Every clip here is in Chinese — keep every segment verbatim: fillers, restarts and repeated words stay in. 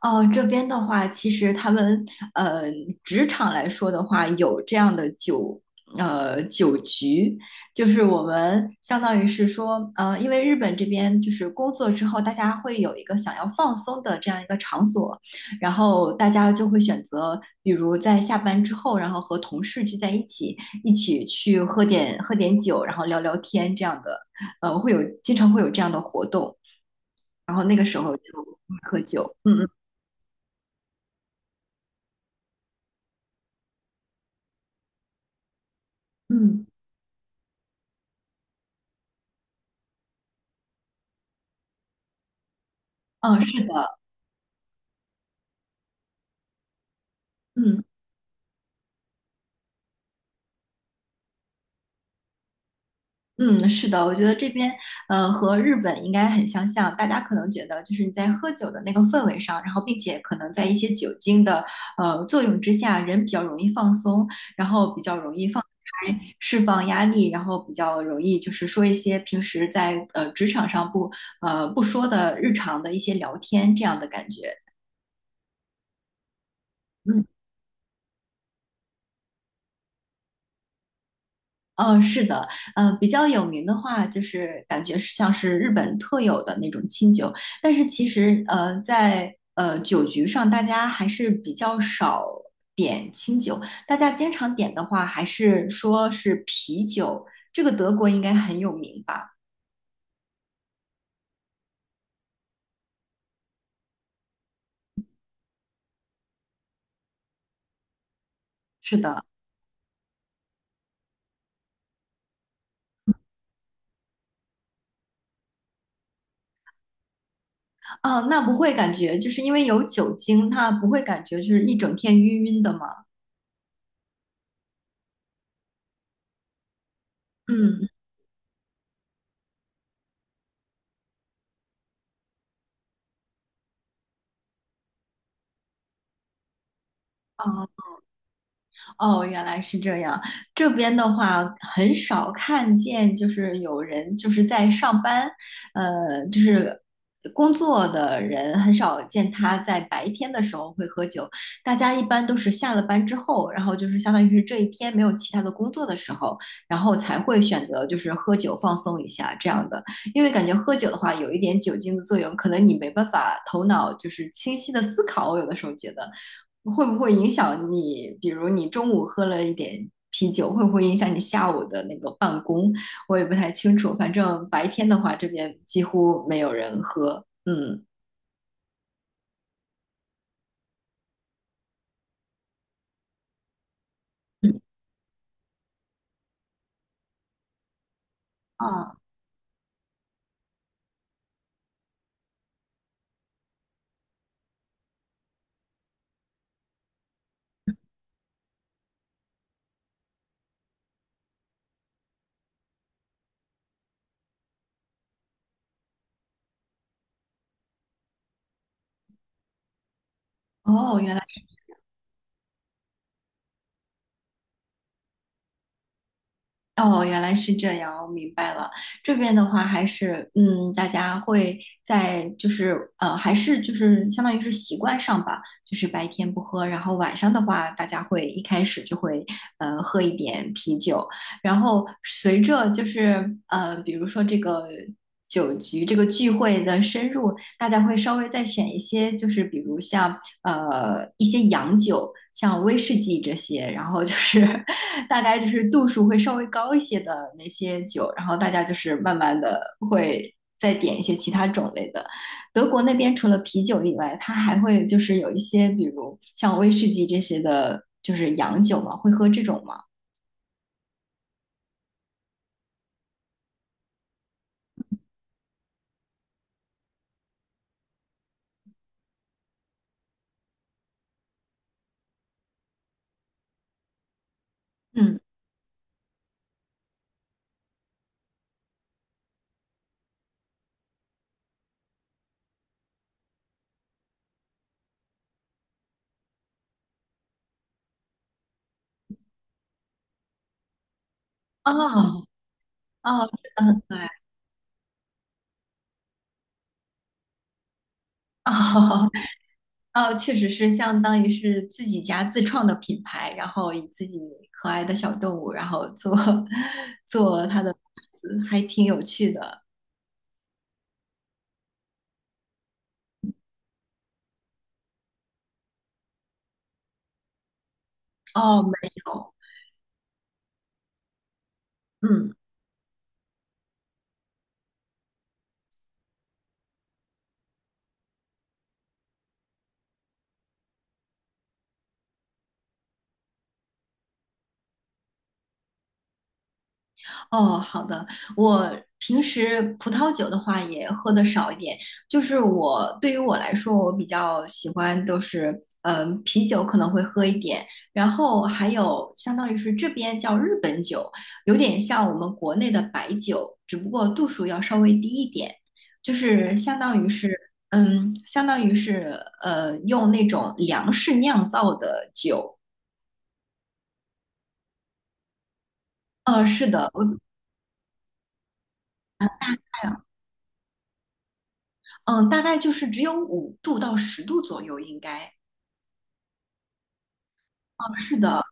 哦，这边的话，其实他们呃，职场来说的话，有这样的酒呃酒局，就是我们相当于是说，呃，因为日本这边就是工作之后，大家会有一个想要放松的这样一个场所，然后大家就会选择，比如在下班之后，然后和同事聚在一起，一起去喝点喝点酒，然后聊聊天这样的，呃，会有经常会有这样的活动，然后那个时候就喝酒，嗯嗯嗯。嗯，是的，嗯嗯，是的，我觉得这边呃和日本应该很相像，大家可能觉得就是你在喝酒的那个氛围上，然后并且可能在一些酒精的呃作用之下，人比较容易放松，然后比较容易放开释放压力，然后比较容易就是说一些平时在呃职场上不呃不说的日常的一些聊天这样的感觉。嗯。嗯，是的，嗯，比较有名的话，就是感觉是像是日本特有的那种清酒，但是其实，呃，在呃酒局上，大家还是比较少点清酒，大家经常点的话，还是说是啤酒，这个德国应该很有名吧？是的，啊，那不会感觉就是因为有酒精，它不会感觉就是一整天晕晕的吗？嗯，哦哦，原来是这样。这边的话，很少看见，就是有人就是在上班，呃，就是工作的人很少见他在白天的时候会喝酒。大家一般都是下了班之后，然后就是相当于是这一天没有其他的工作的时候，然后才会选择就是喝酒放松一下这样的。因为感觉喝酒的话，有一点酒精的作用，可能你没办法头脑就是清晰的思考，我有的时候觉得。会不会影响你？比如你中午喝了一点啤酒，会不会影响你下午的那个办公？我也不太清楚。反正白天的话，这边几乎没有人喝。嗯，嗯啊，哦，原来。哦，原来是这样，我明白了。这边的话还是，嗯，大家会在就是，呃，还是就是相当于是习惯上吧，就是白天不喝，然后晚上的话，大家会一开始就会，呃，喝一点啤酒，然后随着就是，呃，比如说这个酒局这个聚会的深入，大家会稍微再选一些，就是比如像，呃，一些洋酒，像威士忌这些，然后就是 大概就是度数会稍微高一些的那些酒，然后大家就是慢慢的会再点一些其他种类的。德国那边除了啤酒以外，它还会就是有一些，比如像威士忌这些的，就是洋酒嘛，会喝这种吗？嗯，哦哦，嗯，对，哦 哦，确实是相当于是自己家自创的品牌，然后以自己可爱的小动物，然后做 做它的牌子，还挺有趣的。哦，没有，嗯。哦，好的。我平时葡萄酒的话也喝的少一点，就是我对于我来说，我比较喜欢都是，嗯、啤酒可能会喝一点，然后还有相当于是这边叫日本酒，有点像我们国内的白酒，只不过度数要稍微低一点，就是相当于是，嗯，相当于是，呃，用那种粮食酿造的酒。呃，是的，我。嗯，大概就是只有五度到十度左右，应该。哦，是的，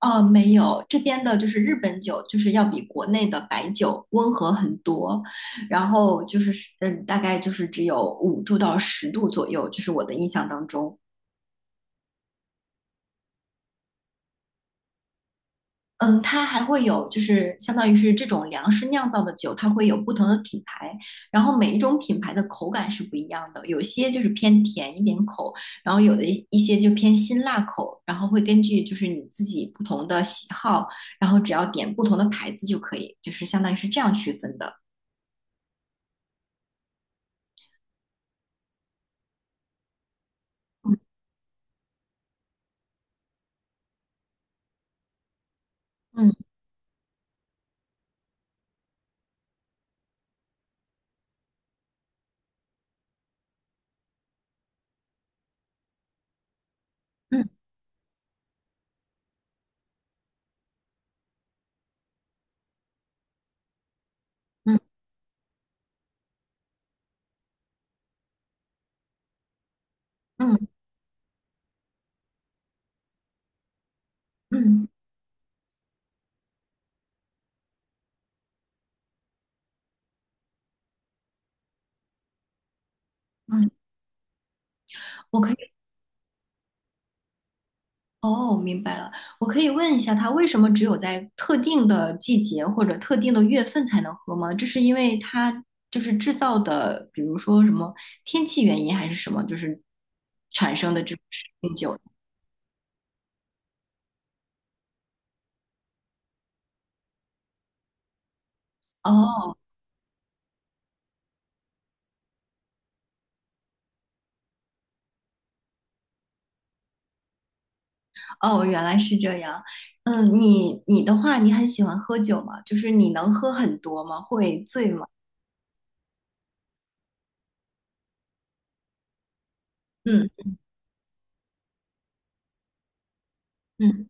哦，没有，这边的就是日本酒，就是要比国内的白酒温和很多，然后就是，嗯，大概就是只有五度到十度左右，就是我的印象当中。嗯，它还会有，就是相当于是这种粮食酿造的酒，它会有不同的品牌，然后每一种品牌的口感是不一样的，有些就是偏甜一点口，然后有的一一些就偏辛辣口，然后会根据就是你自己不同的喜好，然后只要点不同的牌子就可以，就是相当于是这样区分的。嗯嗯嗯嗯嗯嗯，嗯，我可以。哦，明白了。我可以问一下，它为什么只有在特定的季节或者特定的月份才能喝吗？这是因为它就是制造的，比如说什么天气原因还是什么，就是产生的这种冰酒。哦哦，原来是这样。嗯，你你的话，你很喜欢喝酒吗？就是你能喝很多吗？会醉吗？嗯嗯。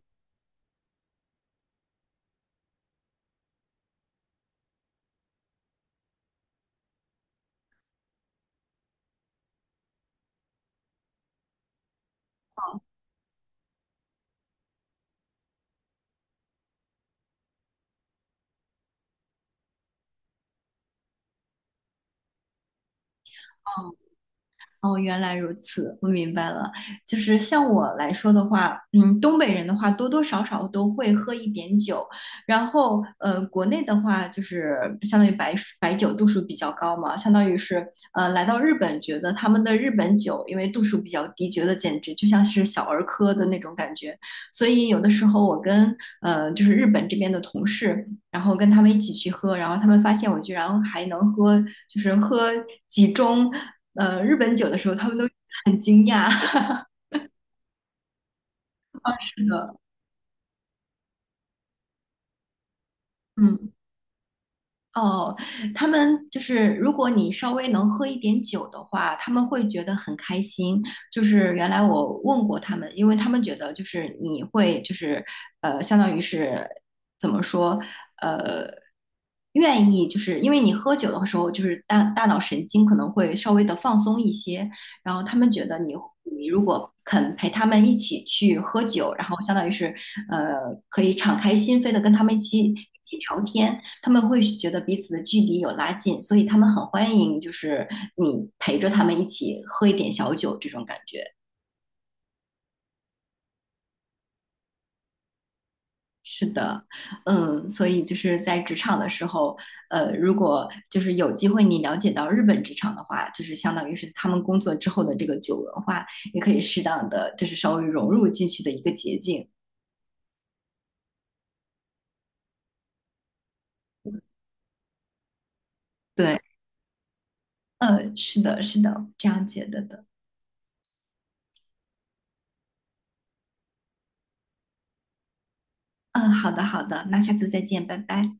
哦，原来如此，我明白了。就是像我来说的话，嗯，东北人的话多多少少都会喝一点酒，然后呃，国内的话就是相当于白白酒度数比较高嘛，相当于是呃来到日本，觉得他们的日本酒因为度数比较低，觉得简直就像是小儿科的那种感觉，所以有的时候我跟呃就是日本这边的同事。然后跟他们一起去喝，然后他们发现我居然还能喝，就是喝几盅呃日本酒的时候，他们都很惊讶。的，嗯。哦，他们就是如果你稍微能喝一点酒的话，他们会觉得很开心。就是原来我问过他们，因为他们觉得就是你会就是呃，相当于是怎么说呃，愿意就是因为你喝酒的时候，就是大大脑神经可能会稍微的放松一些，然后他们觉得你你如果肯陪他们一起去喝酒，然后相当于是呃，可以敞开心扉的跟他们一起一起聊天。他们会觉得彼此的距离有拉近，所以他们很欢迎，就是你陪着他们一起喝一点小酒这种感觉。是的，嗯，所以就是在职场的时候，呃，如果就是有机会你了解到日本职场的话，就是相当于是他们工作之后的这个酒文化，也可以适当的就是稍微融入进去的一个捷径。对，嗯，是的，是的，这样觉得的。嗯，好的，好的，那下次再见，拜拜。